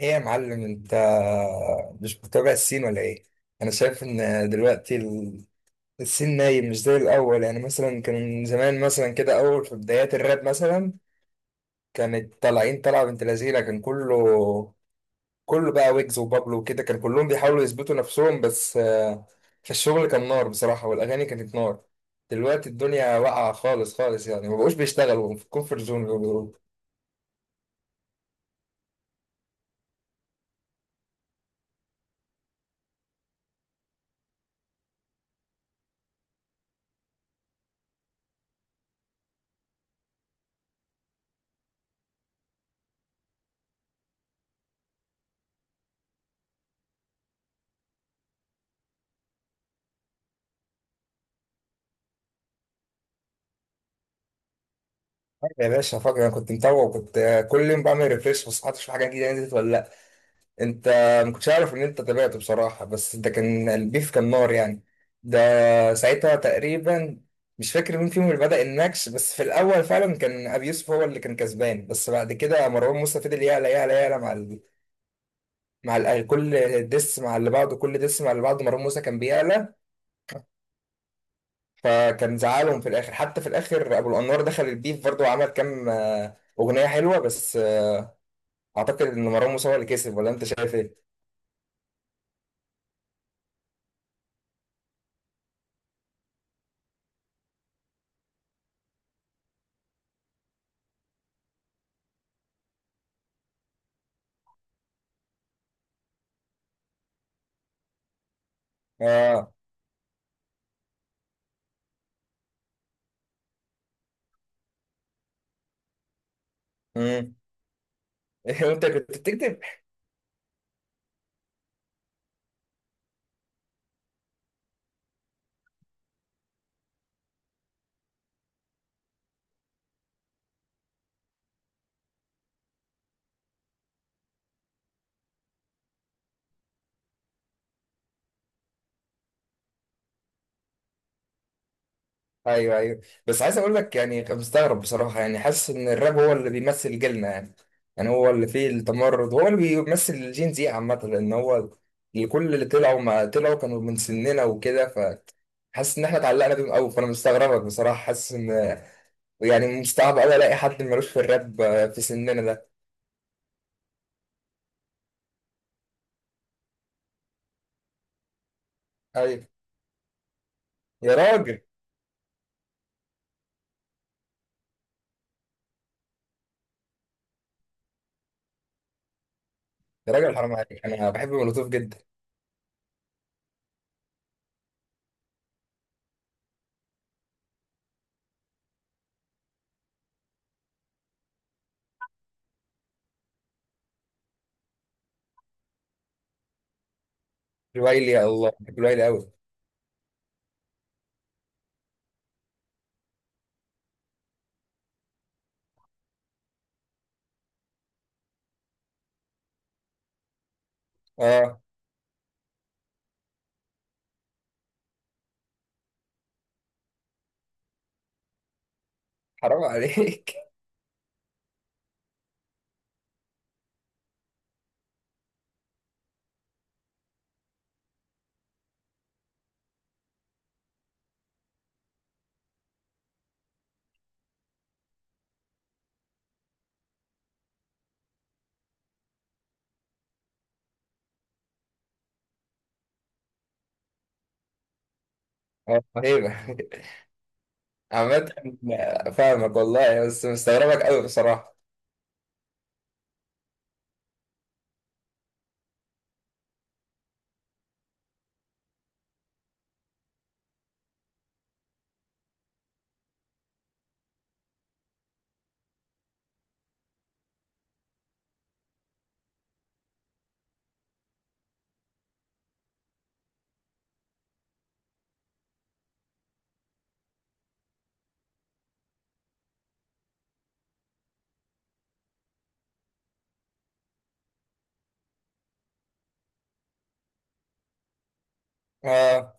ايه يا معلم، انت مش متابع الصين ولا ايه؟ انا شايف ان دلوقتي الصين نايم، مش زي الاول. يعني مثلا كان زمان مثلا كده، اول في بدايات الراب مثلا كانت طالعين طلعه بنت لذينه، كان كله بقى ويجز وبابلو وكده، كان كلهم بيحاولوا يثبتوا نفسهم، بس في الشغل كان نار بصراحه، والاغاني كانت نار. دلوقتي الدنيا واقعه خالص خالص، يعني ما بقوش بيشتغلوا في الكونفرت زون. يا باشا، فاكر انا كنت متابع، وكنت كل يوم بعمل ريفريش بس حتى اشوف حاجه جديده نزلت ولا لأ. انت ما كنتش عارف ان انت تابعته بصراحه، بس ده كان البيف كان نار يعني. ده ساعتها تقريبا، مش فاكر مين فيهم اللي بدأ النكش، بس في الاول فعلا كان ابي يوسف هو اللي كان كسبان، بس بعد كده مروان موسى فضل يعلى يعلى يعلى كل ديس مع اللي بعده، كل ديس مع اللي بعده، مروان موسى كان بيعلى. فكان زعلهم في الاخر، حتى في الاخر ابو الانوار دخل البيف برضه، وعمل كام اغنيه حلوه، بس اعتقد ان مروان موسى هو اللي كسب، ولا انت شايف ايه؟ اه. امم. انت كنت بتكتب؟ ايوه، ايوه، بس عايز اقول لك، يعني كنت مستغرب بصراحه، يعني حاسس ان الراب هو اللي بيمثل جيلنا يعني، يعني هو اللي فيه التمرد، هو اللي بيمثل الجين زي عامه، لان هو كل اللي طلعوا ما طلعوا كانوا من سننا وكده، فحاسس ان احنا اتعلقنا بيهم قوي، فانا مستغربك بصراحه، حاسس ان يعني مستعب قوي الاقي حد ملوش في الراب في سننا ده. ايوه. يا راجل. يا راجل حرام عليك، انا بحب مولوتوف جدا. الويلي، يا الله بحب الويلي قوي. اه. حرام عليك. اه، هيبه. عامة، فاهمك والله، بس مستغربك قوي بصراحة. آه،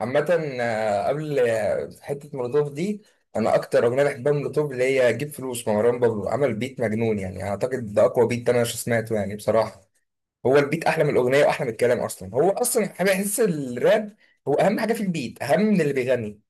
عامة، قبل حتة مولوتوف دي، أنا أكتر أغنية بحبها من مولوتوف اللي هي جيب فلوس، مروان بابلو عمل بيت مجنون، يعني أعتقد ده أقوى بيت أنا سمعته يعني بصراحة. هو البيت أحلى من الأغنية وأحلى من الكلام أصلا، هو أصلا بحس الراب هو أهم حاجة في البيت، أهم من اللي بيغني.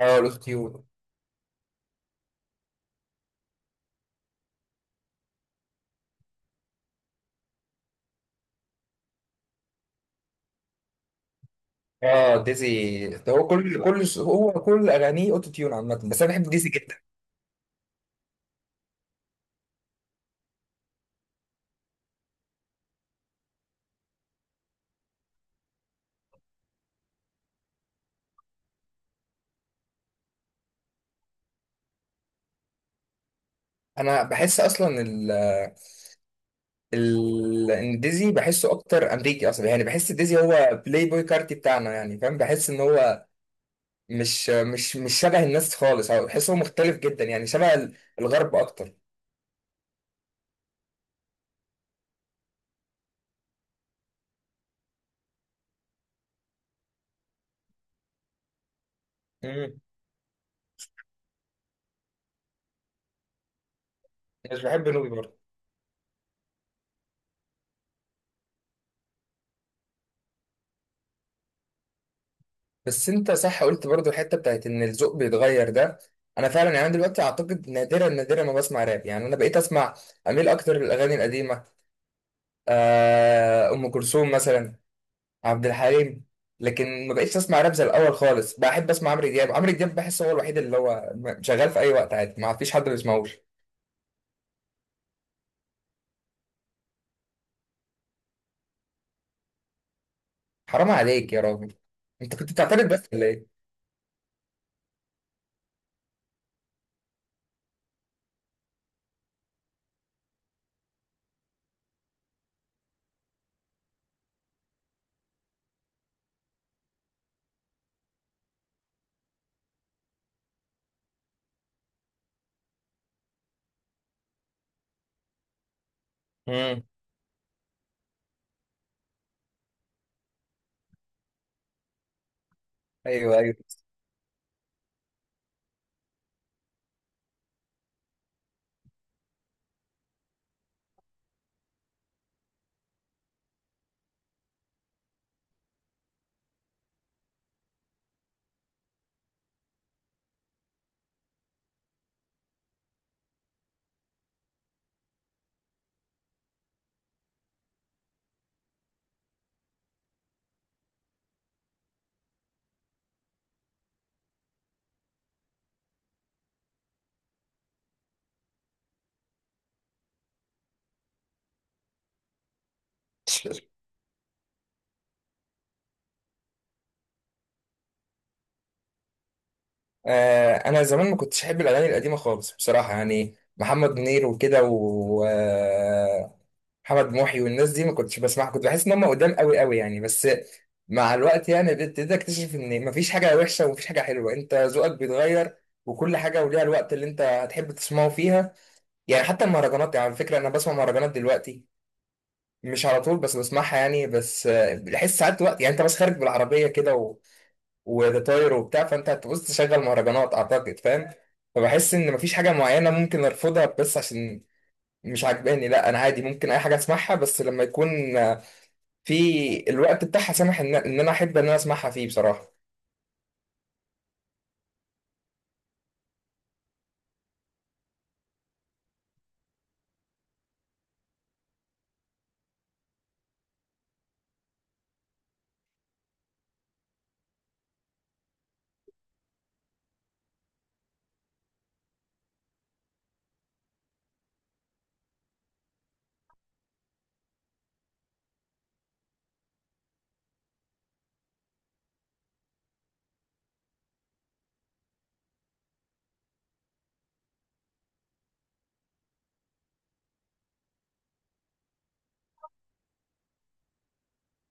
أه، الأوتوتيون. أه، ديزي ده هو كل أغانيه أوتوتيون عامة، بس أنا بحب ديزي جدا. انا بحس اصلا ديزي بحسه اكتر امريكي اصلا، يعني بحس ديزي هو بلاي بوي كارتي بتاعنا، يعني فاهم؟ بحس ان هو مش شبه الناس خالص، او بحس هو مختلف جدا، يعني شبه الغرب اكتر. امم. مش بحب نوبي برضه. بس انت صح قلت برضه الحته بتاعت ان الذوق بيتغير ده، انا فعلا، يعني أنا دلوقتي اعتقد نادرا نادرا ما بسمع راب. يعني انا بقيت اسمع، اميل اكتر للاغاني القديمه. ام كلثوم مثلا، عبد الحليم. لكن ما بقتش اسمع راب زي الاول خالص. بحب اسمع عمرو دياب. عمرو دياب بحس هو الوحيد اللي هو شغال في اي وقت عادي، ما فيش حد ما بيسمعوش. حرام عليك يا راجل. انت كنت بتعترض بس ولا ايه؟ امم. ايوه، ايوه. انا زمان ما كنتش احب الاغاني القديمه خالص بصراحه، يعني محمد منير وكده، و محمد محي والناس دي ما كنتش بسمعها، كنت بحس ان هم قدام قوي قوي، يعني بس مع الوقت يعني ابتديت اكتشف ان مفيش حاجه وحشه ومفيش حاجه حلوه، انت ذوقك بيتغير، وكل حاجه وليها الوقت اللي انت هتحب تسمعه فيها. يعني حتى المهرجانات، يعني على فكره انا بسمع مهرجانات دلوقتي، مش على طول بس بسمعها يعني، بس بحس ساعات وقت يعني انت بس خارج بالعربيه كده و... وده طاير وبتاع، فانت هتبص تشغل مهرجانات اعتقد، فاهم؟ فبحس ان مفيش حاجه معينه ممكن ارفضها بس عشان مش عاجباني، لا انا عادي ممكن اي حاجه اسمعها، بس لما يكون في الوقت بتاعها، سامح ان انا احب ان انا اسمعها فيه بصراحه.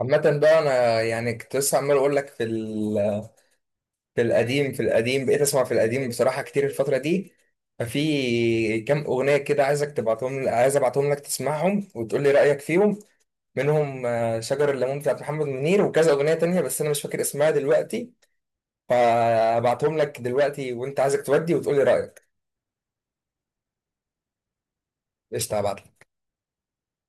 عامه بقى انا، يعني كنت لسه عمال اقول لك في في القديم، في القديم بقيت اسمع في القديم بصراحه كتير الفتره دي، ففي كام اغنيه كده عايزك تبعتهم، عايز ابعتهم لك تسمعهم وتقول لي رايك فيهم. منهم شجر الليمون بتاعت محمد منير، وكذا اغنيه تانية بس انا مش فاكر اسمها دلوقتي، فابعتهم لك دلوقتي وانت عايزك تودي وتقول لي رايك. قشطه، هبعت.